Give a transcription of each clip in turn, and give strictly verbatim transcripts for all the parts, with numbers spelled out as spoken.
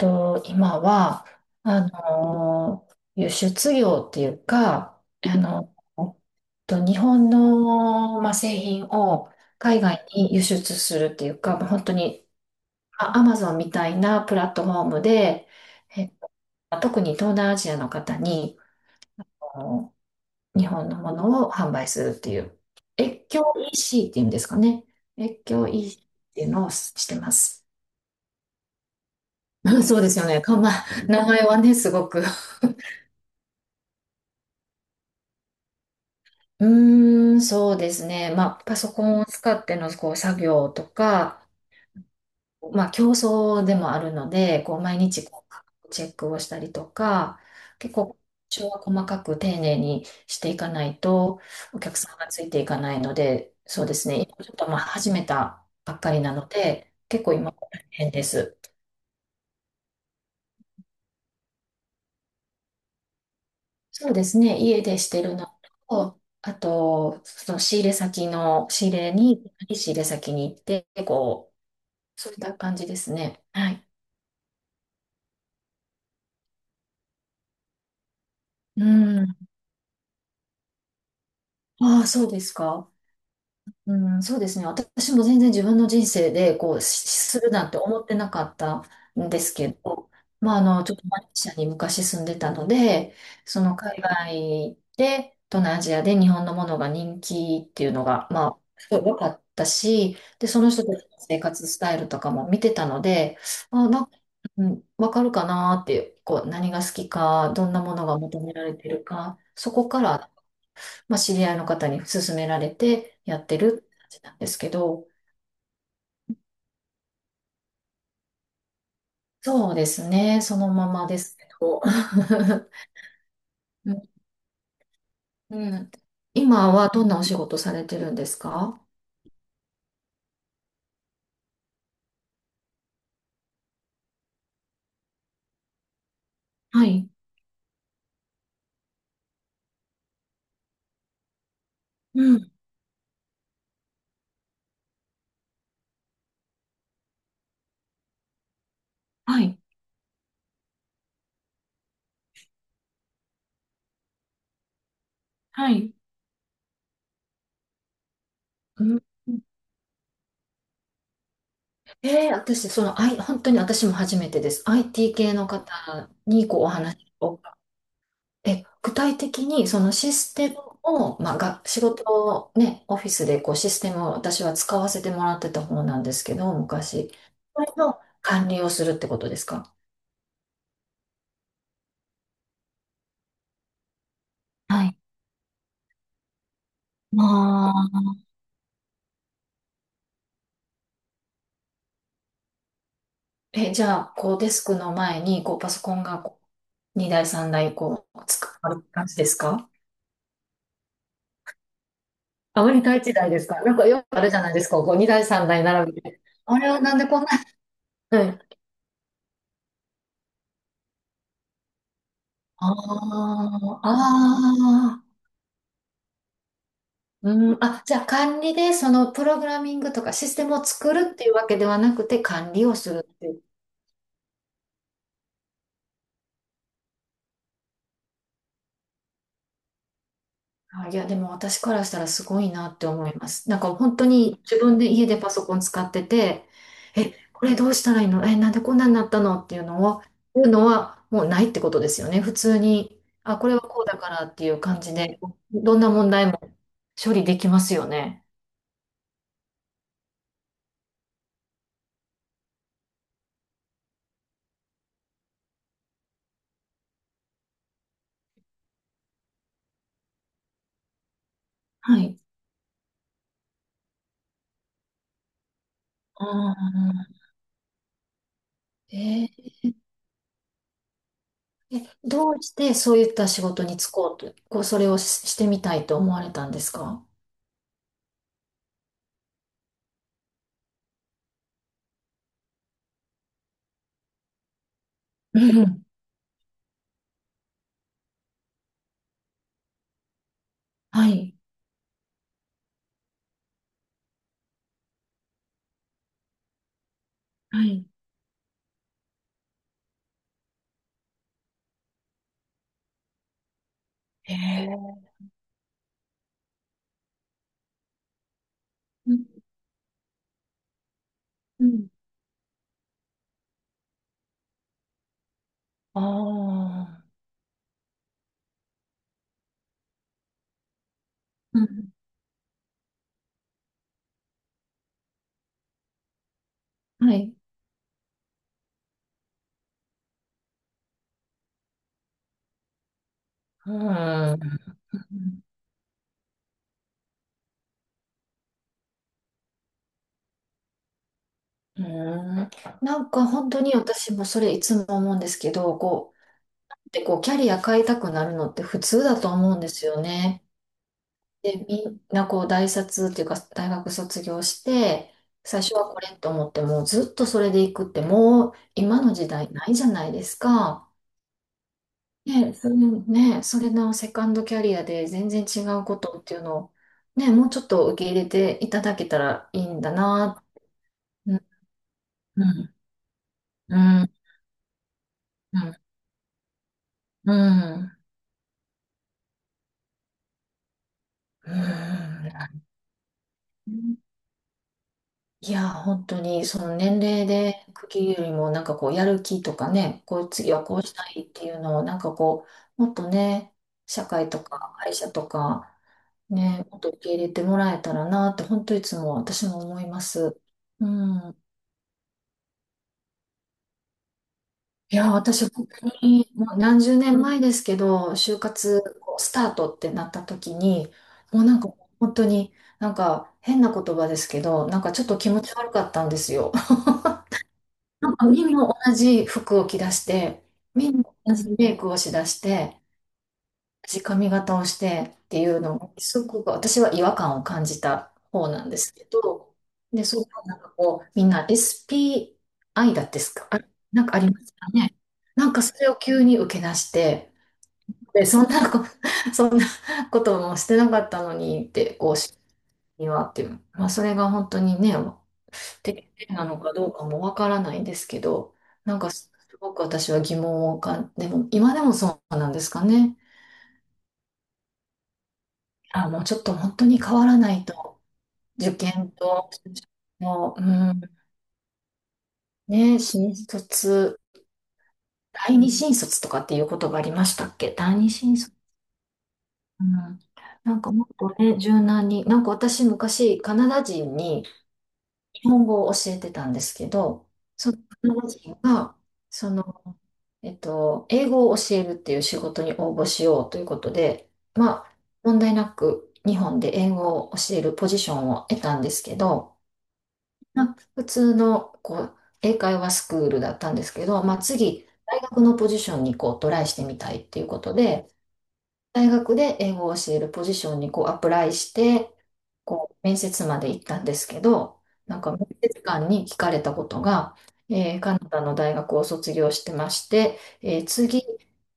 と、今は、あの、輸出業っていうか、あの、と日本の、まあ、製品を海外に輸出するっていうか、まあ、本当に、アマゾンみたいなプラットフォームで、えっと特に東南アジアの方に、あの日本のものを販売するっていう、越境 イーシー っていうんですかね。越境 イーシー っていうのをしてます。うん、そうですよね。か、まあ、名前はね、すごく。うーん、そうですね。まあ、パソコンを使ってのこう作業とか、まあ、競争でもあるので、こう毎日こうチェックをしたりとか、結構、調は細かく丁寧にしていかないと、お客さんがついていかないので、そうですね。今ちょっとまあ始めたばっかりなので、結構今大変です。そうですね。家でしてるのと、あと、その仕入れ先の仕入れに、仕入れ先に行って、こう、そういった感じですね。はい。うん。ああ、そうですか。うん、そうですね。私も全然自分の人生で、こう、しするなんて思ってなかったんですけど、まあ、あの、ちょっとマレーシアに昔住んでたので、その海外で、東南アジアで日本のものが人気っていうのが、まあ、すごい分かったし、で、その人たちの生活スタイルとかも見てたので、あ、なんか、うん、分かるかなっていう、こう、何が好きか、どんなものが求められてるか、そこからまあ、知り合いの方に勧められてやってるって感じなんですけど、そうですね、そのままですけど。うん、うん、今はどんなお仕事されてるんですか？はい。うん。はい。はい。うん。えー、私、その、I、本当に私も初めてです。アイティー 系の方にこうお話をお。え、具体的にそのシステムを、まあ、が、仕事をね、オフィスでこうシステムを私は使わせてもらってた方なんですけど、昔。それの管理をするってことですか？はい。まあ、え、じゃあ、こうデスクの前にこうパソコンがこうにだいさんだいこう使われる感じですか？アメリカいちだいですか？なんかよくあるじゃないですか、こうにだいさんだい並べて。あれはなんでこんな。うん。ああ、ああ。うん、あ、じゃあ管理でそのプログラミングとかシステムを作るっていうわけではなくて管理をするっていう。あ、いや、でも私からしたらすごいなって思います。なんか本当に自分で家でパソコン使ってて、え、これどうしたらいいの、え、なんでこんなになったのっていうのを、いうのはもうないってことですよね。普通に、あ、これはこうだからっていう感じで、どんな問題も処理できますよね。はい。ああ、えーえ、どうしてそういった仕事に就こうと、こう、それをし、してみたいと思われたんですか？うん。はい。はい。へえ。うん。うん。ああ、うん、はい。うん。うん、なんか本当に私もそれいつも思うんですけど、こう、で、こう、キャリア変えたくなるのって普通だと思うんですよね。で、みんなこう大卒っていうか大学卒業して、最初はこれと思ってもずっとそれで行くってもう今の時代ないじゃないですか。ね、それ、ね、それのセカンドキャリアで全然違うことっていうのを、ね、もうちょっと受け入れていただけたらいいんだな。うん、うん、うん、うん、うん。うん。いや、本当に、その年齢で区切るよりも、なんかこう、やる気とかね、こう、次はこうしたいっていうのを、なんかこう、もっとね、社会とか会社とか、ね、もっと受け入れてもらえたらなって、本当いつも私も思います。うん。いや、私、本当に、もう何十年前ですけど、就活、こうスタートってなった時に、もうなんか、本当に、なんか、変な言葉ですけど、なんかちょっと気持ち悪かったんですよ。なんかみんな同じ服を着出して、みんな同じメイクをしだして、同じ髪型をしてっていうのを、すごく私は違和感を感じた方なんですけど、で、そうなんかこう、みんな エスピーアイ だってですか？あ、なんかありますかね。なんかそれを急に受け出して、で、そんなこ、そんなこともしてなかったのにって、こう、にはっていう。まあ、それが本当にね、適正なのかどうかもわからないんですけど、なんかすごく私は疑問をかん、でも今でもそうなんですかね。あ、もうちょっと本当に変わらないと、受験と、もう、うん、ね、新卒、第二新卒とかっていう言葉ありましたっけ？第二新卒。うん、なんかもっとね、柔軟に、なんか私昔カナダ人に日本語を教えてたんですけど、そのカナダ人が、そのえっと、英語を教えるっていう仕事に応募しようということで、まあ、問題なく日本で英語を教えるポジションを得たんですけど、まあ、普通のこう英会話スクールだったんですけど、まあ、次、大学のポジションにこうトライしてみたいっていうことで、大学で英語を教えるポジションにこうアプライして、こう面接まで行ったんですけど、なんか面接官に聞かれたことが、えーカナダの大学を卒業してまして、えー次、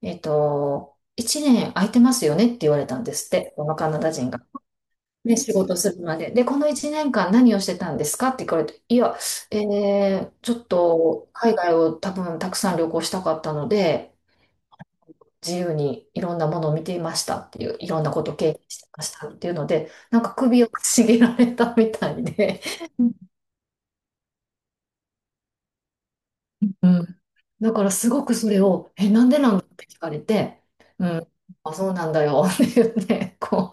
えっと、いちねん空いてますよねって言われたんですって、このカナダ人が。ね、仕事するまで。で、このいちねんかん何をしてたんですかって聞かれて、いや、えーちょっと海外を多分たくさん旅行したかったので、自由にいろんなものを見ていましたっていう、いろんなことを経験してましたっていうので、なんか首をかしげられたみたいで、うん、だからすごくそれを、え、なんでなんだって聞かれて、うん、あ、そうなんだよって言って、こ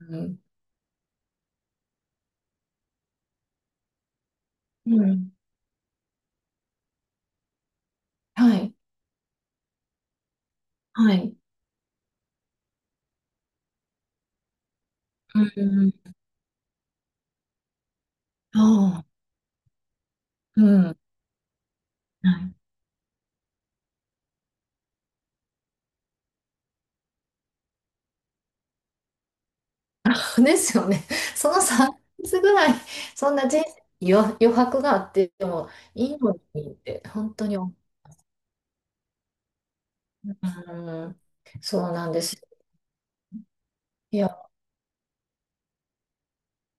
う、うん、うん、はい、はい、うん、ああ、うん。はいですよね。そのさんかげつぐらい、そんな人生に余、余白があってもいいのにって、本当に思う。ん、そうなんです。いや、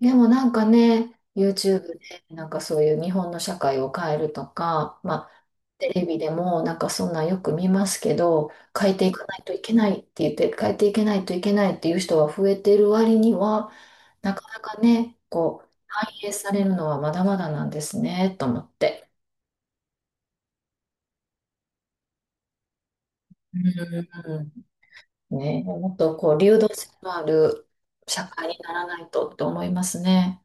でもなんかね、YouTube でなんかそういう日本の社会を変えるとか、まあ、テレビでもなんかそんなんよく見ますけど、変えていかないといけないって言って、変えていけないといけないっていう人は増えてる割には、なかなかね、こう、反映されるのはまだまだなんですね、と思って。うん、ね、もっとこう、流動性のある社会にならないとって思いますね。